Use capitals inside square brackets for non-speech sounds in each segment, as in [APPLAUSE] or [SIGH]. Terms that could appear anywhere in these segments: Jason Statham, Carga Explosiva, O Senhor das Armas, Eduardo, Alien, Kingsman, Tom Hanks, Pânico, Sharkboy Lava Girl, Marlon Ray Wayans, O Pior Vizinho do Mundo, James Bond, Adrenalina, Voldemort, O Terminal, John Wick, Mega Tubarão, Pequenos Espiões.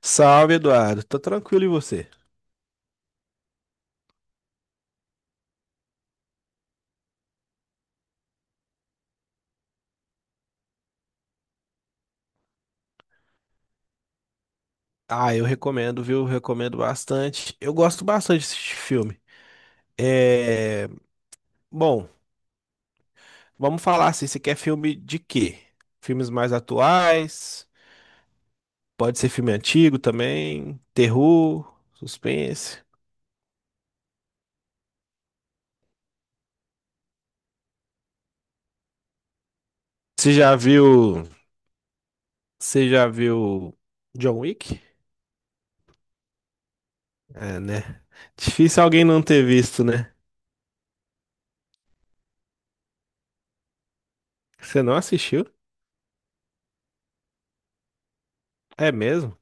Salve, Eduardo. Tá tranquilo e você? Ah, eu recomendo, viu? Recomendo bastante. Eu gosto bastante de assistir filme. É... Bom, vamos falar assim, você quer filme de quê? Filmes mais atuais, pode ser filme antigo também, terror, suspense. Você já viu, você já viu John Wick? É, né? Difícil alguém não ter visto, né? Você não assistiu? É mesmo?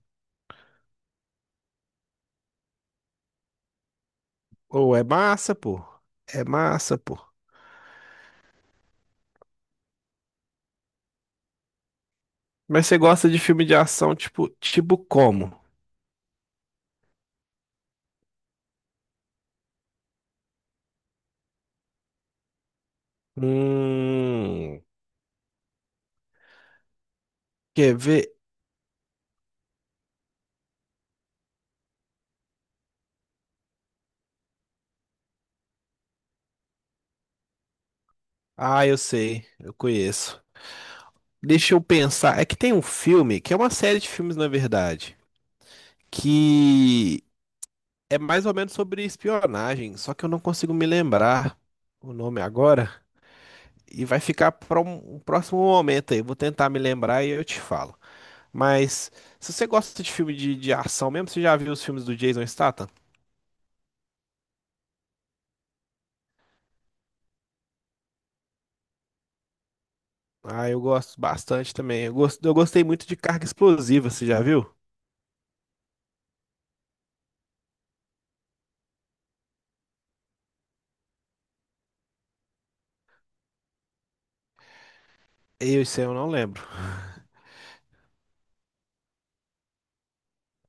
Ou é massa, pô. É massa, pô. Mas você gosta de filme de ação tipo como? Hum, quer ver? Ah, eu sei, eu conheço. Deixa eu pensar. É que tem um filme, que é uma série de filmes, na verdade, que é mais ou menos sobre espionagem, só que eu não consigo me lembrar o nome agora. E vai ficar para um próximo momento aí. Eu vou tentar me lembrar e eu te falo. Mas se você gosta de filme de ação mesmo, você já viu os filmes do Jason Statham? Ah, eu gosto bastante também. Eu gostei muito de Carga Explosiva, você já viu? Isso aí eu não lembro.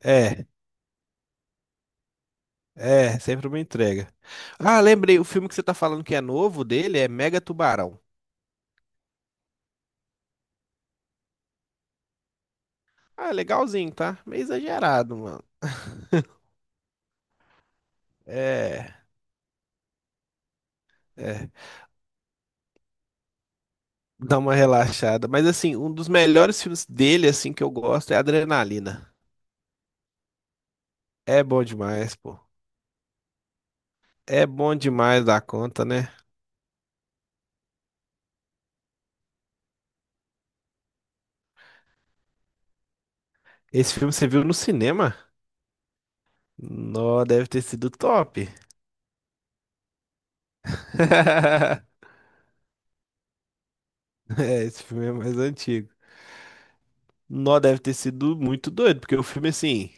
É, é, sempre uma entrega. Ah, lembrei, o filme que você tá falando que é novo dele é Mega Tubarão. Ah, legalzinho, tá? Meio exagerado, mano. É, é, dá uma relaxada. Mas assim, um dos melhores filmes dele, assim, que eu gosto é Adrenalina. É bom demais, pô. É bom demais da conta, né? Esse filme você viu no cinema? Nó, deve ter sido top. [LAUGHS] [LAUGHS] É, esse filme é mais antigo. Nó, deve ter sido muito doido, porque o filme, assim,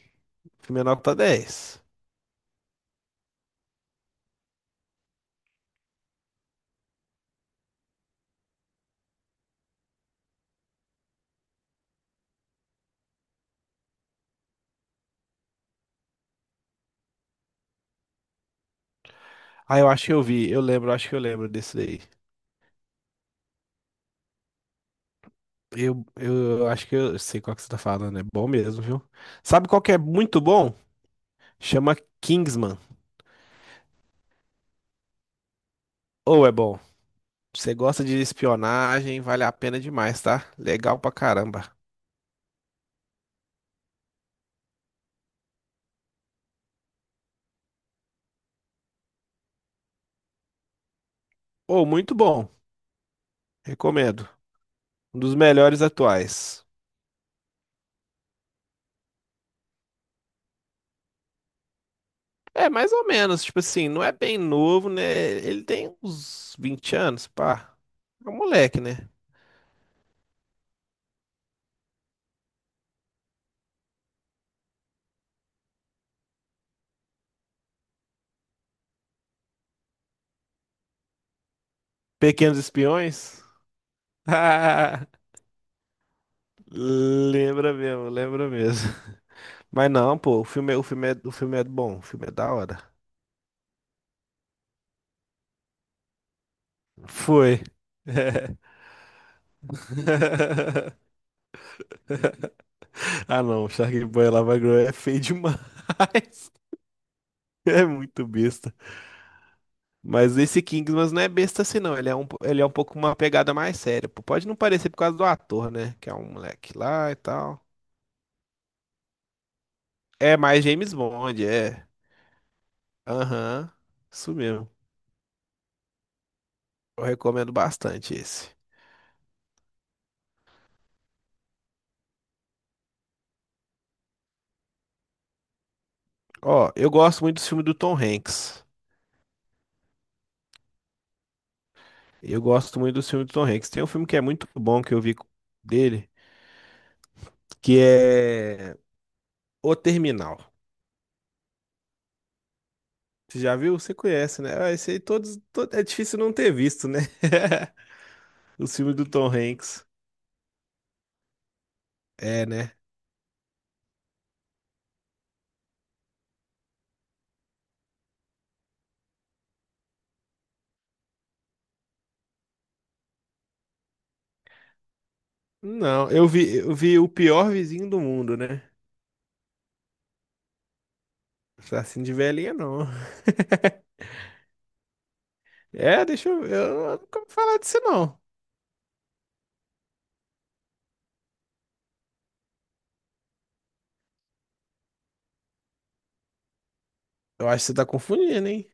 o filme é nota 10. Ah, eu acho que eu vi, eu lembro, acho que eu lembro desse daí. Eu acho que eu sei qual que você tá falando, é bom mesmo, viu? Sabe qual que é muito bom? Chama Kingsman. Ou é bom. Você gosta de espionagem, vale a pena demais, tá? Legal pra caramba. Ou muito bom, recomendo. Um dos melhores atuais. É, mais ou menos, tipo assim, não é bem novo, né? Ele tem uns 20 anos, pá. É um moleque, né? Pequenos Espiões? [LAUGHS] Ah, lembra mesmo, lembra mesmo. [LAUGHS] Mas não, pô, o filme é bom, o filme é da hora. Foi. É. [LAUGHS] Ah não, o Sharkboy Lava Girl é feio demais. [LAUGHS] É muito besta. Mas esse Kingsman não é besta assim, não. Ele é um pouco uma pegada mais séria. Pô. Pode não parecer por causa do ator, né? Que é um moleque lá e tal. É mais James Bond, é. Aham. Isso mesmo. Eu recomendo bastante esse. Ó, eu gosto muito do filme do Tom Hanks. Eu gosto muito do filme do Tom Hanks. Tem um filme que é muito bom que eu vi dele, que é O Terminal. Você já viu? Você conhece, né? Ah, esse aí é difícil não ter visto, né? [LAUGHS] O filme do Tom Hanks. É, né? Não, eu vi o Pior Vizinho do Mundo, né? Assim de velhinha, não. [LAUGHS] É, deixa eu ver. Eu nunca vou falar disso, não. Eu acho que você tá confundindo, hein?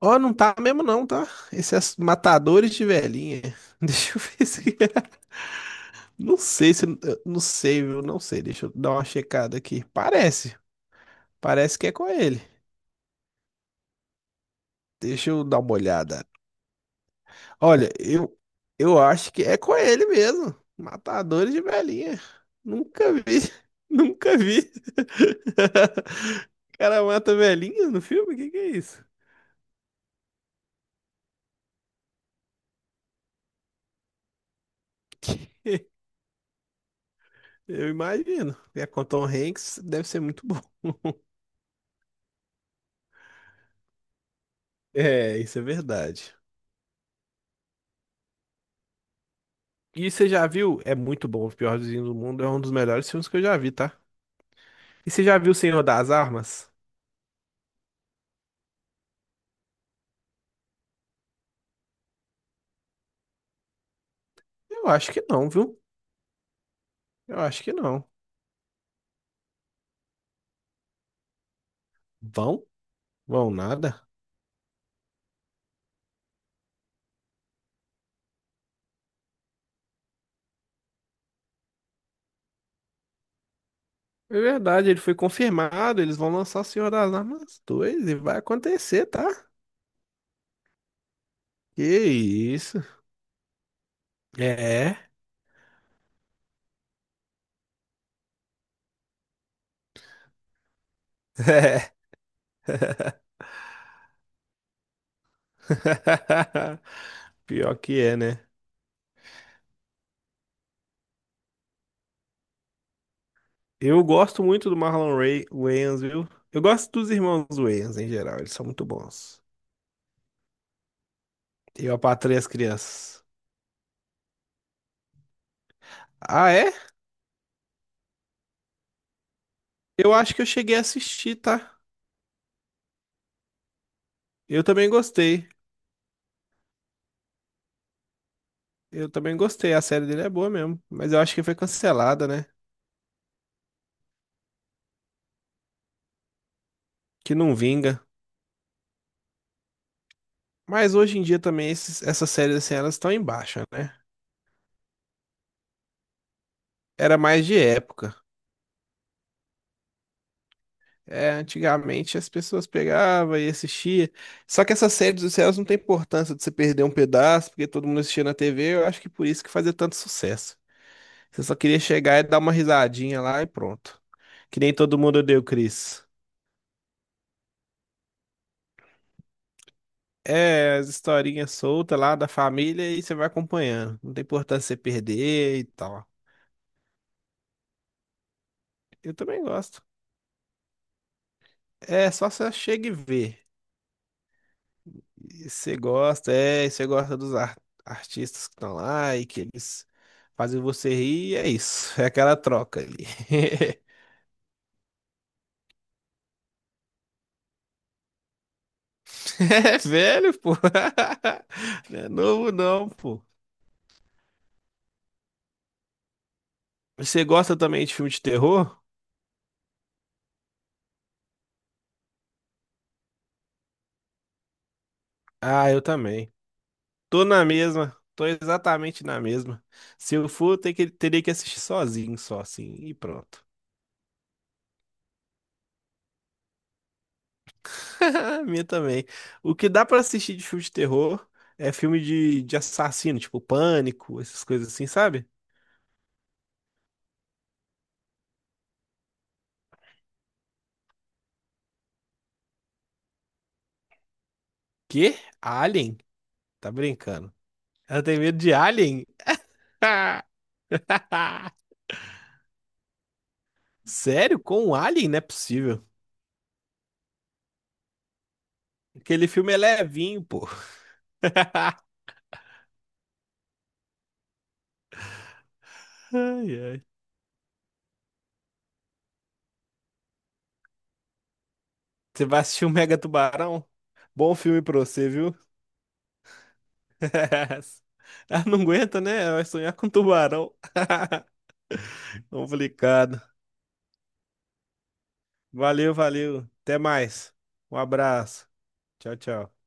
Ó, não tá mesmo, não, tá? Esses matadores de velhinha. [LAUGHS] Deixa eu ver se. [LAUGHS] Não sei se. Eu não sei, viu? Não sei. Deixa eu dar uma checada aqui. Parece. Parece que é com ele. Deixa eu dar uma olhada. Olha, eu, eu acho que é com ele mesmo. Matadores de velhinha. Nunca vi. [LAUGHS] Nunca vi. [LAUGHS] O cara mata velhinha no filme? O que que é isso? [LAUGHS] Eu imagino. E é com Tom Hanks, deve ser muito bom. É, isso é verdade. E você já viu? É muito bom. O Pior Vizinho do Mundo é um dos melhores filmes que eu já vi, tá? E você já viu O Senhor das Armas? Eu acho que não, viu? Eu acho que não. Vão? Vão nada. É verdade, ele foi confirmado. Eles vão lançar o Senhor das Armas 2 e vai acontecer, tá? Que isso. É. É. [LAUGHS] Pior que é, né? Eu gosto muito do Marlon Ray Wayans, viu? Eu gosto dos irmãos Wayans em geral, eles são muito bons. Eu apatrei as crianças. Ah, é? Eu acho que eu cheguei a assistir, tá? Eu também gostei. Eu também gostei. A série dele é boa mesmo. Mas eu acho que foi cancelada, né? Que não vinga. Mas hoje em dia também essas séries assim, elas estão em baixa, né? Era mais de época. É, antigamente as pessoas pegavam e assistiam. Só que essas séries dos céus não tem importância de você perder um pedaço, porque todo mundo assistia na TV. Eu acho que por isso que fazia tanto sucesso. Você só queria chegar e dar uma risadinha lá e pronto. Que nem todo mundo deu, Chris. É, as historinhas soltas lá da família e você vai acompanhando. Não tem importância você perder e tal. Eu também gosto. É só você chega e vê. E você gosta, é, e você gosta artistas que estão lá e que eles fazem você rir, e é isso, [LAUGHS] é aquela troca ali. [LAUGHS] É velho, pô. [LAUGHS] Não é novo não, pô. Você gosta também de filme de terror? Ah, eu também. Tô na mesma, tô exatamente na mesma. Se eu for, ter que, teria que assistir sozinho, só assim, e pronto. [LAUGHS] A minha também. O que dá pra assistir de filme de terror é filme de assassino, tipo Pânico, essas coisas assim, sabe? Quê? Alien? Tá brincando. Ela tem medo de alien? [LAUGHS] Sério? Com um alien? Não é possível. Aquele filme é levinho, pô. [LAUGHS] Ai, ai. Você vai assistir o Mega Tubarão? Bom filme pra você, viu? [LAUGHS] Ela não aguenta, né? Vai sonhar com tubarão. Complicado. Valeu, valeu. Até mais. Um abraço. Tchau, tchau.